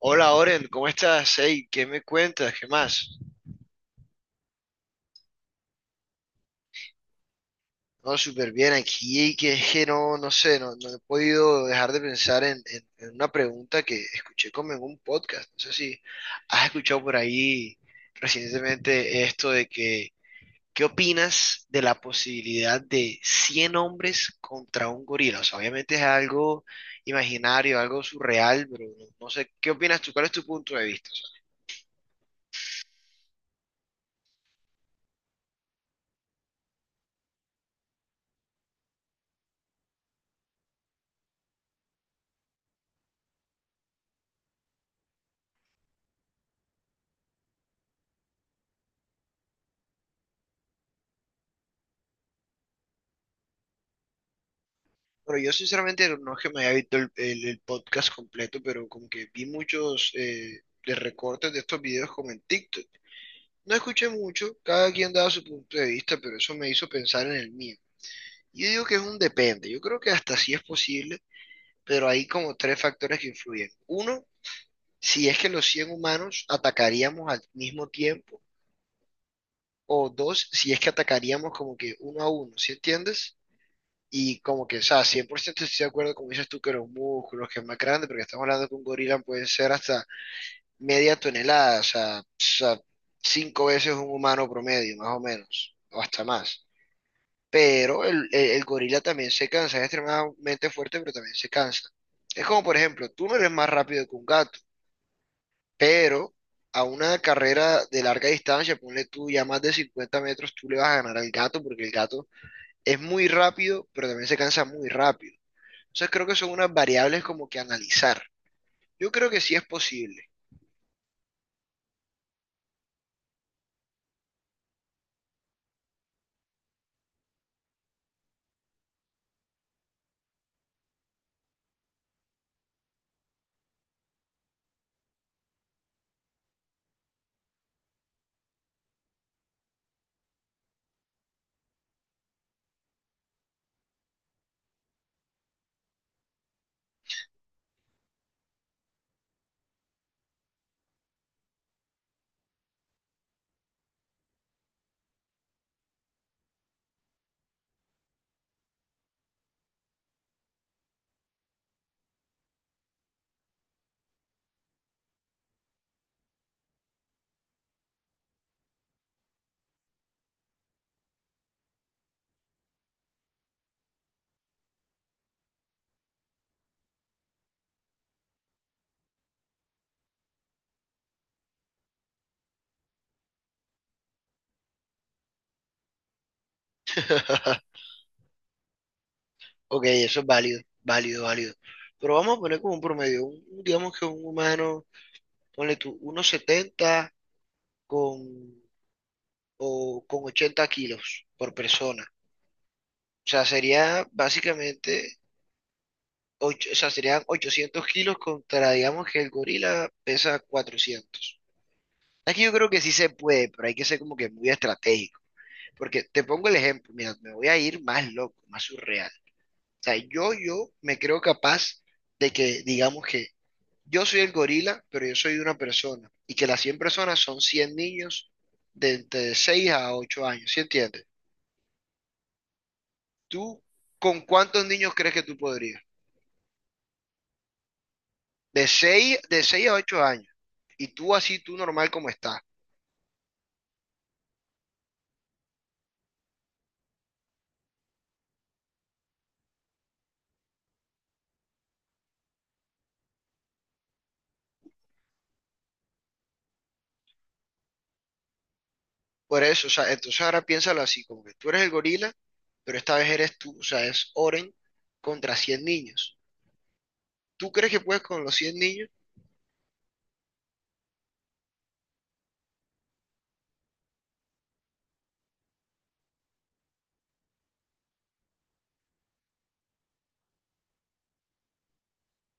Hola Oren, ¿cómo estás? Ey, ¿qué me cuentas? ¿Qué más? No, súper bien aquí, que es que no, no sé, no, no he podido dejar de pensar en una pregunta que escuché como en un podcast. No sé si has escuchado por ahí recientemente esto de que, ¿qué opinas de la posibilidad de 100 hombres contra un gorila? O sea, obviamente es algo imaginario, algo surreal, pero no, no sé, ¿qué opinas tú? ¿Cuál es tu punto de vista? Bueno, yo sinceramente no es que me haya visto el podcast completo, pero como que vi muchos de recortes de estos videos como en TikTok. No escuché mucho, cada quien daba su punto de vista, pero eso me hizo pensar en el mío. Y yo digo que es un depende, yo creo que hasta sí es posible, pero hay como tres factores que influyen. Uno, si es que los 100 humanos atacaríamos al mismo tiempo, o dos, si es que atacaríamos como que uno a uno, ¿sí entiendes? Y como que, o sea, 100% estoy de acuerdo, como dices tú, que los músculos, que es más grande, porque estamos hablando que un gorila puede ser hasta media tonelada, o sea, cinco veces un humano promedio, más o menos, o hasta más. Pero el gorila también se cansa, es extremadamente fuerte, pero también se cansa. Es como, por ejemplo, tú no eres más rápido que un gato, pero a una carrera de larga distancia, ponle tú ya más de 50 metros, tú le vas a ganar al gato, porque el gato es muy rápido, pero también se cansa muy rápido. Entonces creo que son unas variables como que analizar. Yo creo que sí es posible. Ok, eso es válido, válido, válido. Pero vamos a poner como un promedio, digamos que un humano, ponle tú, unos 70 con, o, con 80 kilos por persona. O sea, sería básicamente, o sea, serían 800 kilos contra, digamos que el gorila pesa 400. Aquí yo creo que sí se puede, pero hay que ser como que muy estratégico. Porque te pongo el ejemplo, mira, me voy a ir más loco, más surreal. Sea, yo me creo capaz de que, digamos que yo soy el gorila, pero yo soy una persona y que las 100 personas son 100 niños de entre 6 a 8 años, ¿sí entiendes? ¿Tú con cuántos niños crees que tú podrías? De seis, de 6 a 8 años. Y tú así, tú normal como estás. Por eso, o sea, entonces ahora piénsalo así, como que tú eres el gorila, pero esta vez eres tú, o sea, es Oren contra 100 niños. ¿Tú crees que puedes con los 100 niños?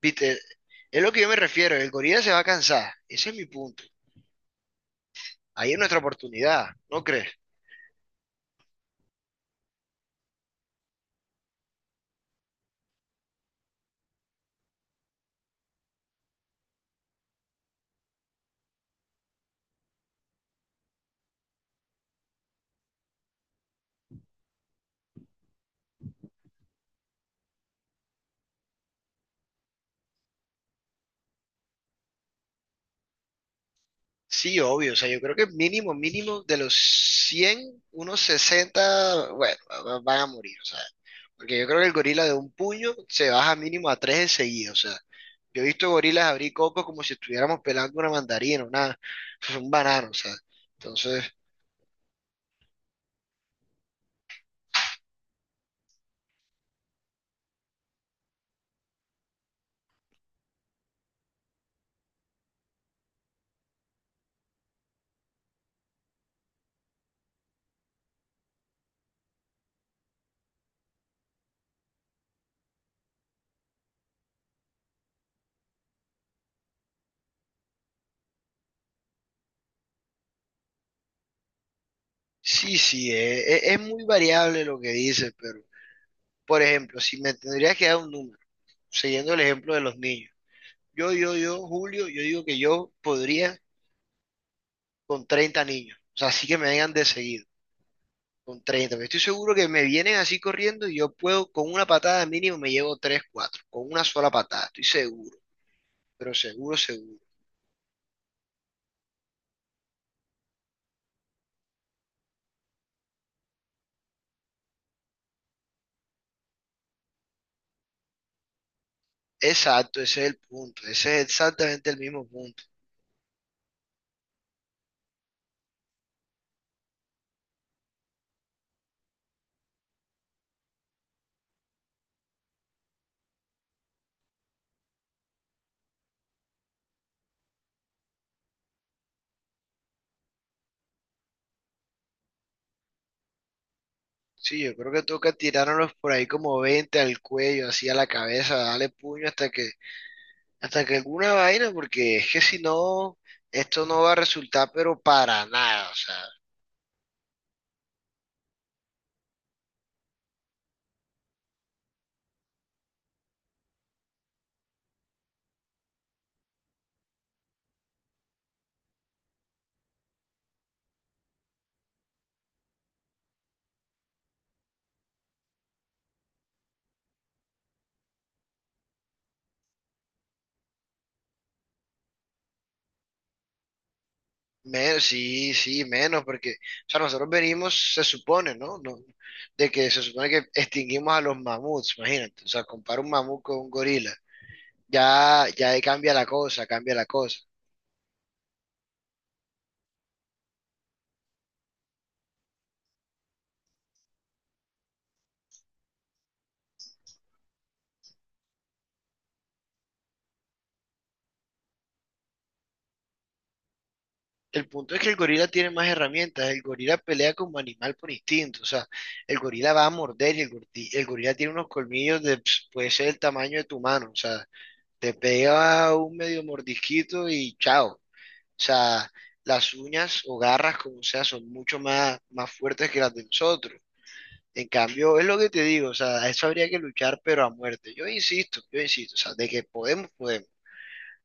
Viste, es lo que yo me refiero, el gorila se va a cansar, ese es mi punto. Ahí es nuestra oportunidad, ¿no crees? Sí, obvio, o sea, yo creo que mínimo, mínimo de los 100, unos 60, bueno, van a morir, o sea, porque yo creo que el gorila de un puño se baja mínimo a tres enseguida, o sea, yo he visto gorilas abrir copos como si estuviéramos pelando una mandarina, una, un banano, o sea, entonces, sí, sí, es muy variable lo que dices, pero, por ejemplo, si me tendrías que dar un número, siguiendo el ejemplo de los niños. Yo, Julio, yo digo que yo podría con 30 niños. O sea, así que me vengan de seguido, con 30. Pero estoy seguro que me vienen así corriendo y yo puedo, con una patada mínimo, me llevo 3, 4, con una sola patada, estoy seguro. Pero seguro, seguro. Exacto, ese es el punto. Ese es exactamente el mismo punto. Sí, yo creo que toca tirárnoslos por ahí como 20 al cuello, así a la cabeza, darle puño hasta que, hasta que alguna vaina, porque es que si no, esto no va a resultar, pero para nada, o sea, menos, sí, sí, menos, porque, o sea, nosotros venimos, se supone, ¿no? No, de que se supone que extinguimos a los mamuts, imagínate, o sea, compara un mamut con un gorila, ya, ya ahí cambia la cosa, cambia la cosa. El punto es que el gorila tiene más herramientas, el gorila pelea como animal por instinto, o sea, el gorila va a morder y el, el gorila tiene unos colmillos de, pss, puede ser el tamaño de tu mano, o sea, te pega un medio mordisquito y chao. O sea, las uñas o garras, como sea, son mucho más, más fuertes que las de nosotros. En cambio, es lo que te digo, o sea, a eso habría que luchar, pero a muerte. Yo insisto, o sea, de que podemos, podemos.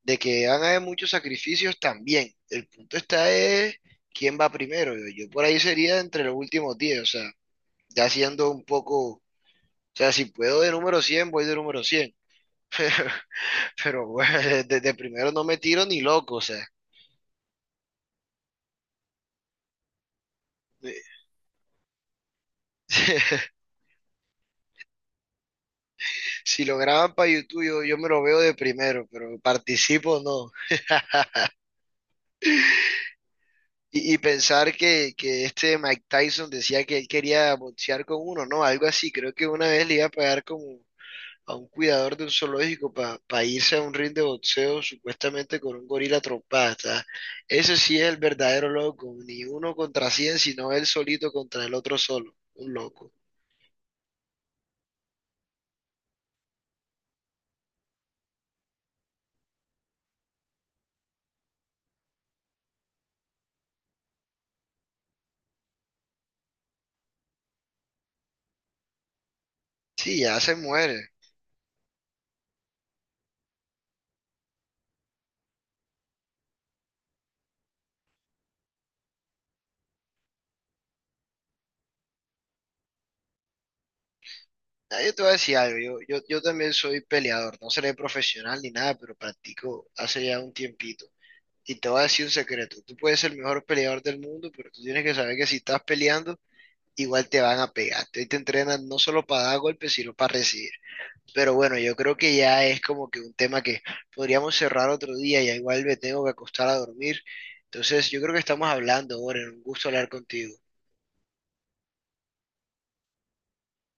De que van a haber muchos sacrificios también. El punto está es quién va primero. Yo por ahí sería entre los últimos 10, o sea, ya siendo un poco, o sea, si puedo de número 100 voy de número 100, pero bueno, desde primero no me tiro ni loco, o sea. Eh, si lo graban para YouTube, yo me lo veo de primero, pero participo no. Y pensar que este Mike Tyson decía que él quería boxear con uno, ¿no? Algo así. Creo que una vez le iba a pagar como a un cuidador de un zoológico para irse a un ring de boxeo supuestamente con un gorila trompada. ¿Sabes? Ese sí es el verdadero loco. Ni uno contra cien, sino él solito contra el otro solo. Un loco. Sí, ya se muere. Ah, yo te voy a decir algo, yo también soy peleador, no seré profesional ni nada, pero practico hace ya un tiempito. Y te voy a decir un secreto, tú puedes ser el mejor peleador del mundo, pero tú tienes que saber que si estás peleando, igual te van a pegar. Te entrenan no solo para dar golpes, sino para recibir. Pero bueno, yo creo que ya es como que un tema que podríamos cerrar otro día, ya igual me tengo que acostar a dormir. Entonces, yo creo que estamos hablando, Oren, un gusto hablar contigo.